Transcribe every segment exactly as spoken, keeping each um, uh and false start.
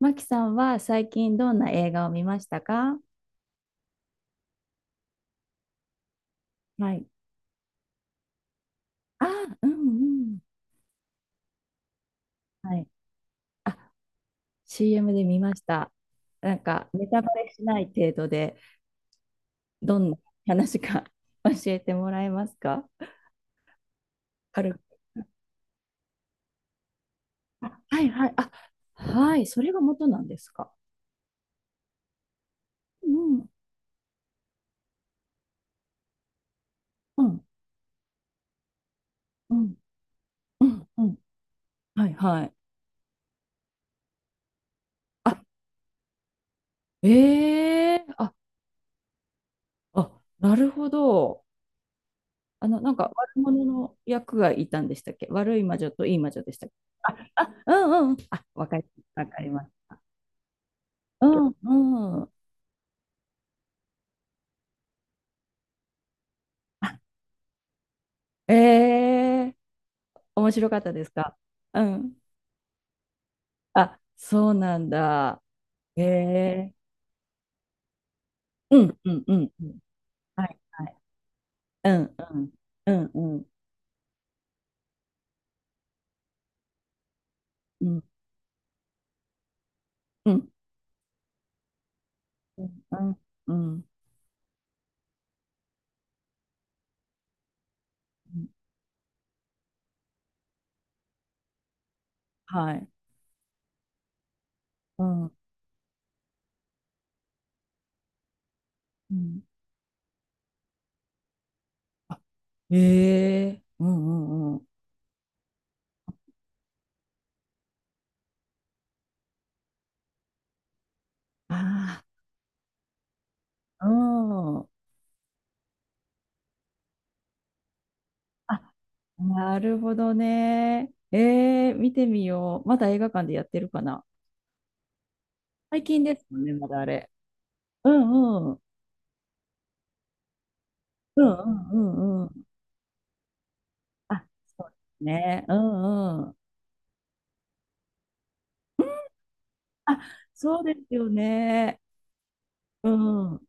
マキさんは最近どんな映画を見ましたか？はい。あ、うんうん。はい。あ、シーエム で見ました。なんか、ネタバレしない程度で、どんな話か 教えてもらえますか？軽く。あ、はいはい。あ、はい。それが元なんですか？うんうんうんうんうん。はいはい。あ、ええーあ、あ、なるほど。あの、なんか悪者の役がいたんでしたっけ？悪い魔女といい魔女でしたっけ？あ、あ、うんうん。あ、わかり、わかります。うんうん。あ、ええ、面白かったですか？うん。あ、そうなんだ。ええうんうんうんうん。はいはい。うんうんうんうんうんうんうんうんうん、はい。うんうん。あ、ええうんうんうん。ああ、うん。あ、なるほどね。えー、見てみよう。まだ映画館でやってるかな。最近ですもんね、まだあれ。うんうん。うんうんうんうん。あ、そうですね。うんうん。あ、そうですよね。うん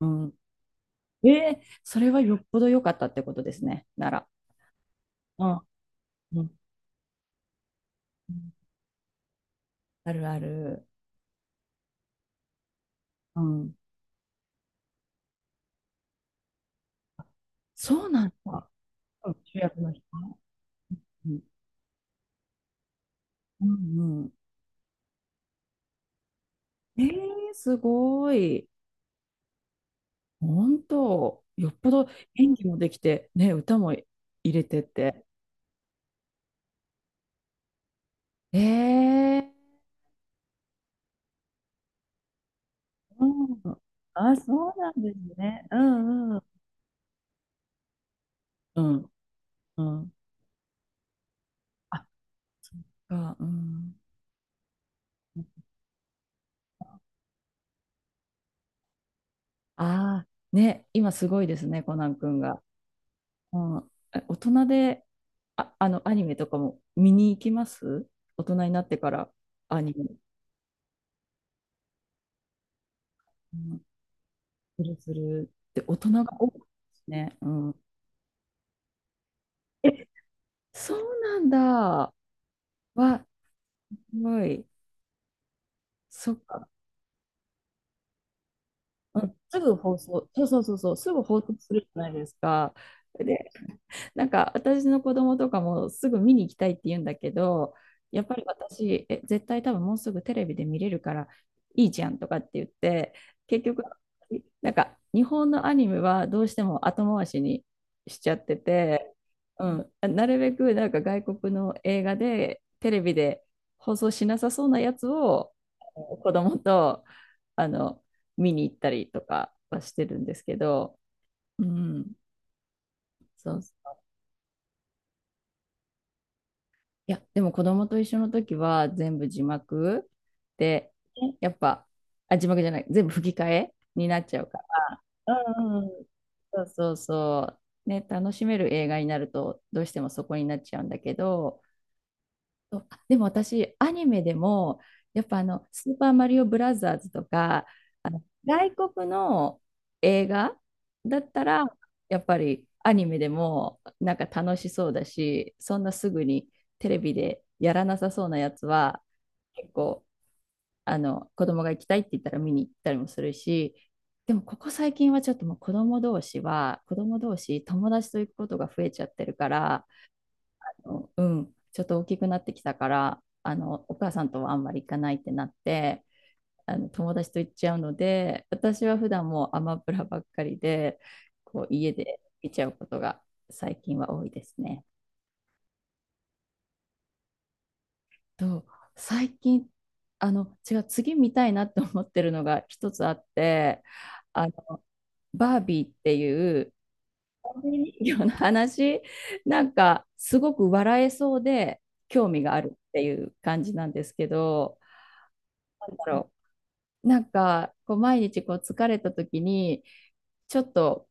うん。えー、それはよっぽど良かったってことですね、なら。うんうん。うん、あるある。うん。そうなんだ。うん、主役の人。うんうんうん。えー、すごい。本当、よっぽど演技もできて、ね、歌も入れてて。ええうん。あ、そうなんですね。うんうん。うん、うん。あ、そっか、うん。ああ、ね、今すごいですね、コナン君が。うん。え、大人で、あ、あの、アニメとかも見に行きます？大人になってからアニメ。うん、するするって大人が多くですね。うん。え、そうなんだ。は、すごい。そっか。うん、すぐ放送。そうそうそうそう。すぐ放送するじゃないですか。で、なんか私の子供とかもすぐ見に行きたいって言うんだけど、やっぱり私、え、絶対多分もうすぐテレビで見れるからいいじゃんとかって言って、結局、なんか日本のアニメはどうしても後回しにしちゃってて、うん、なるべくなんか外国の映画でテレビで放送しなさそうなやつを子供とあの見に行ったりとかはしてるんですけど、うん、そういや、でも子供と一緒の時は全部字幕で、やっぱ、あ、字幕じゃない、全部吹き替えになっちゃうから。うんうんうんそうそうそう。ね、楽しめる映画になると、どうしてもそこになっちゃうんだけど、そうあでも私、アニメでも、やっぱあの、スーパーマリオブラザーズとか、あの外国の映画だったら、やっぱりアニメでもなんか楽しそうだし、そんなすぐにテレビでやらなさそうなやつは、結構、あの、子供が行きたいって言ったら見に行ったりもするし、でもここ最近はちょっともう子供同士は、子供同士友達と行くことが増えちゃってるから、うん、ちょっと大きくなってきたから、あの、お母さんとはあんまり行かないってなって、あの、友達と行っちゃうので、私は普段もうアマプラばっかりで、こう、家で見ちゃうことが最近は多いですね。と、最近、あの、違う、次見たいなって思ってるのが一つあって、あの、バービーっていうバービー人形の話、なんかすごく笑えそうで興味があるっていう感じなんですけど、だろう。なんか、こう毎日こう疲れた時に、ちょっと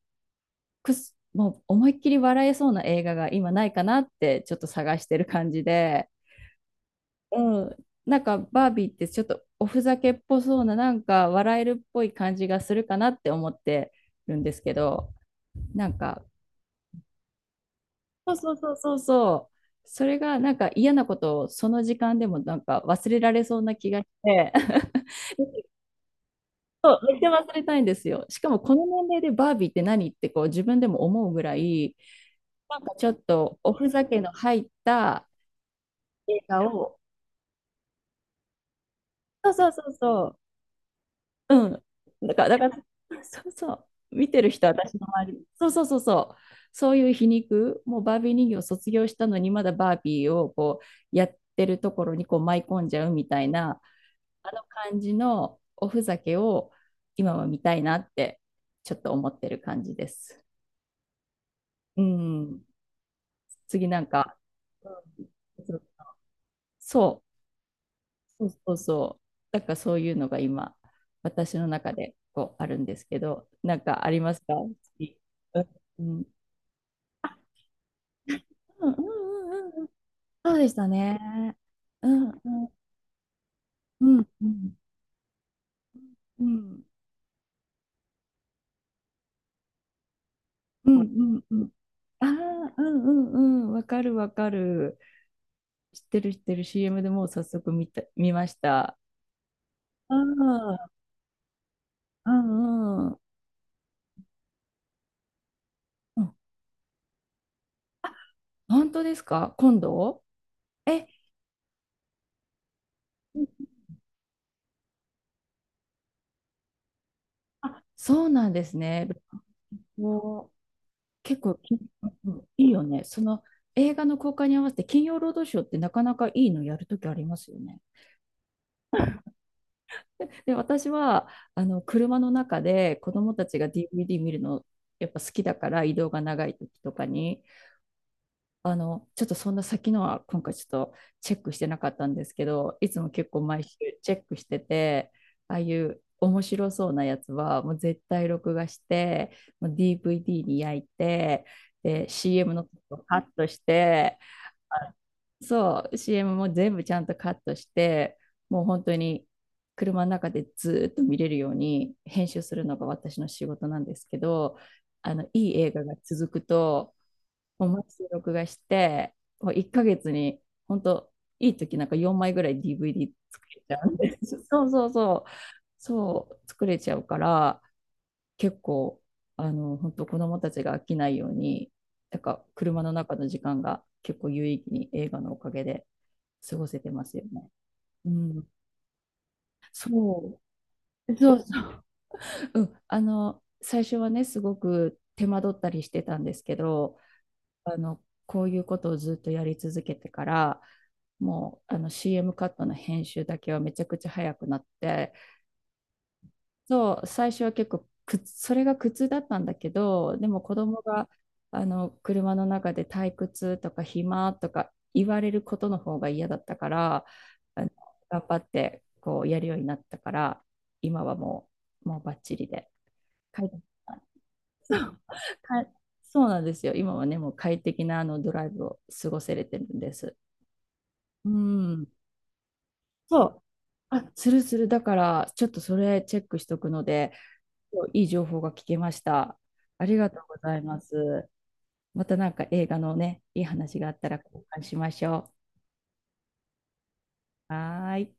くす、もう思いっきり笑えそうな映画が今ないかなってちょっと探してる感じで、うん、なんかバービーってちょっとおふざけっぽそうな、なんか笑えるっぽい感じがするかなって思ってるんですけど、なんか、そうそうそうそうそう、それがなんか嫌なことをその時間でもなんか忘れられそうな気がして、そう、めっちゃ忘れたいんですよ。しかもこの年齢でバービーって何ってこう自分でも思うぐらい、なんかちょっとおふざけの入った映画を、そうそうそうそう、うん。だから、だから、そうそう、見てる人、私の周り、そうそうそうそう、そういう皮肉、もうバービー人形を卒業したのに、まだバービーをこうやってるところにこう舞い込んじゃうみたいな、あの感じのおふざけを今は見たいなって、ちょっと思ってる感じです。うん。次なんか、うん、そう、そうそうそう。なんかそういうのが今、私の中でこうあるんですけど、なんかありますか？次、うん。うんうんうんうんうん。そうでしたね。うんうんうんうんうんうんうんうん。ああ、うんうんうん。わかるわかる。知ってる知ってる、 シーエム でもう早速見た、見ました。ああ、うんうん。うん、あ、本当ですか？今度え、あ、そうなんですね。もう結構き、うん、いいよね。その映画の公開に合わせて金曜ロードショーってなかなかいいのやるときありますよね。で、私はあの車の中で子供たちが ディーブイディー 見るのやっぱ好きだから、移動が長い時とかにあの、ちょっとそんな先のは今回ちょっとチェックしてなかったんですけど、いつも結構毎週チェックしてて、ああいう面白そうなやつはもう絶対録画して、もう ディーブイディー に焼いて、で、シーエム のとこカットして、あそう、シーエム も全部ちゃんとカットして、もう本当に車の中でずーっと見れるように編集するのが私の仕事なんですけど、あの、いい映画が続くと、もう毎週録画して、もういっかげつに、本当いい時なんかよんまいぐらい ディーブイディー 作れちゃうんです。そうそうそう。そう、作れちゃうから、結構、あの、本当子供たちが飽きないように、なんか車の中の時間が結構有意義に映画のおかげで過ごせてますよね。うん。そう。そうそう。うん。あの、最初はね、すごく手間取ったりしてたんですけど、あの、こういうことをずっとやり続けてから、もうあの シーエム カットの編集だけはめちゃくちゃ早くなって、そう、最初は結構苦それが苦痛だったんだけど、でも子供があの車の中で退屈とか暇とか言われることの方が嫌だったから、あの頑張ってこうやるようになったから、今はもう、もうバッチリで。書いて そうか、そうなんですよ。今はね、もう快適なあのドライブを過ごせれてるんです。うん。そう。あ、するする。だから、ちょっとそれチェックしとくので、いい情報が聞けました。ありがとうございます。またなんか映画のね、いい話があったら交換しましょう。はーい。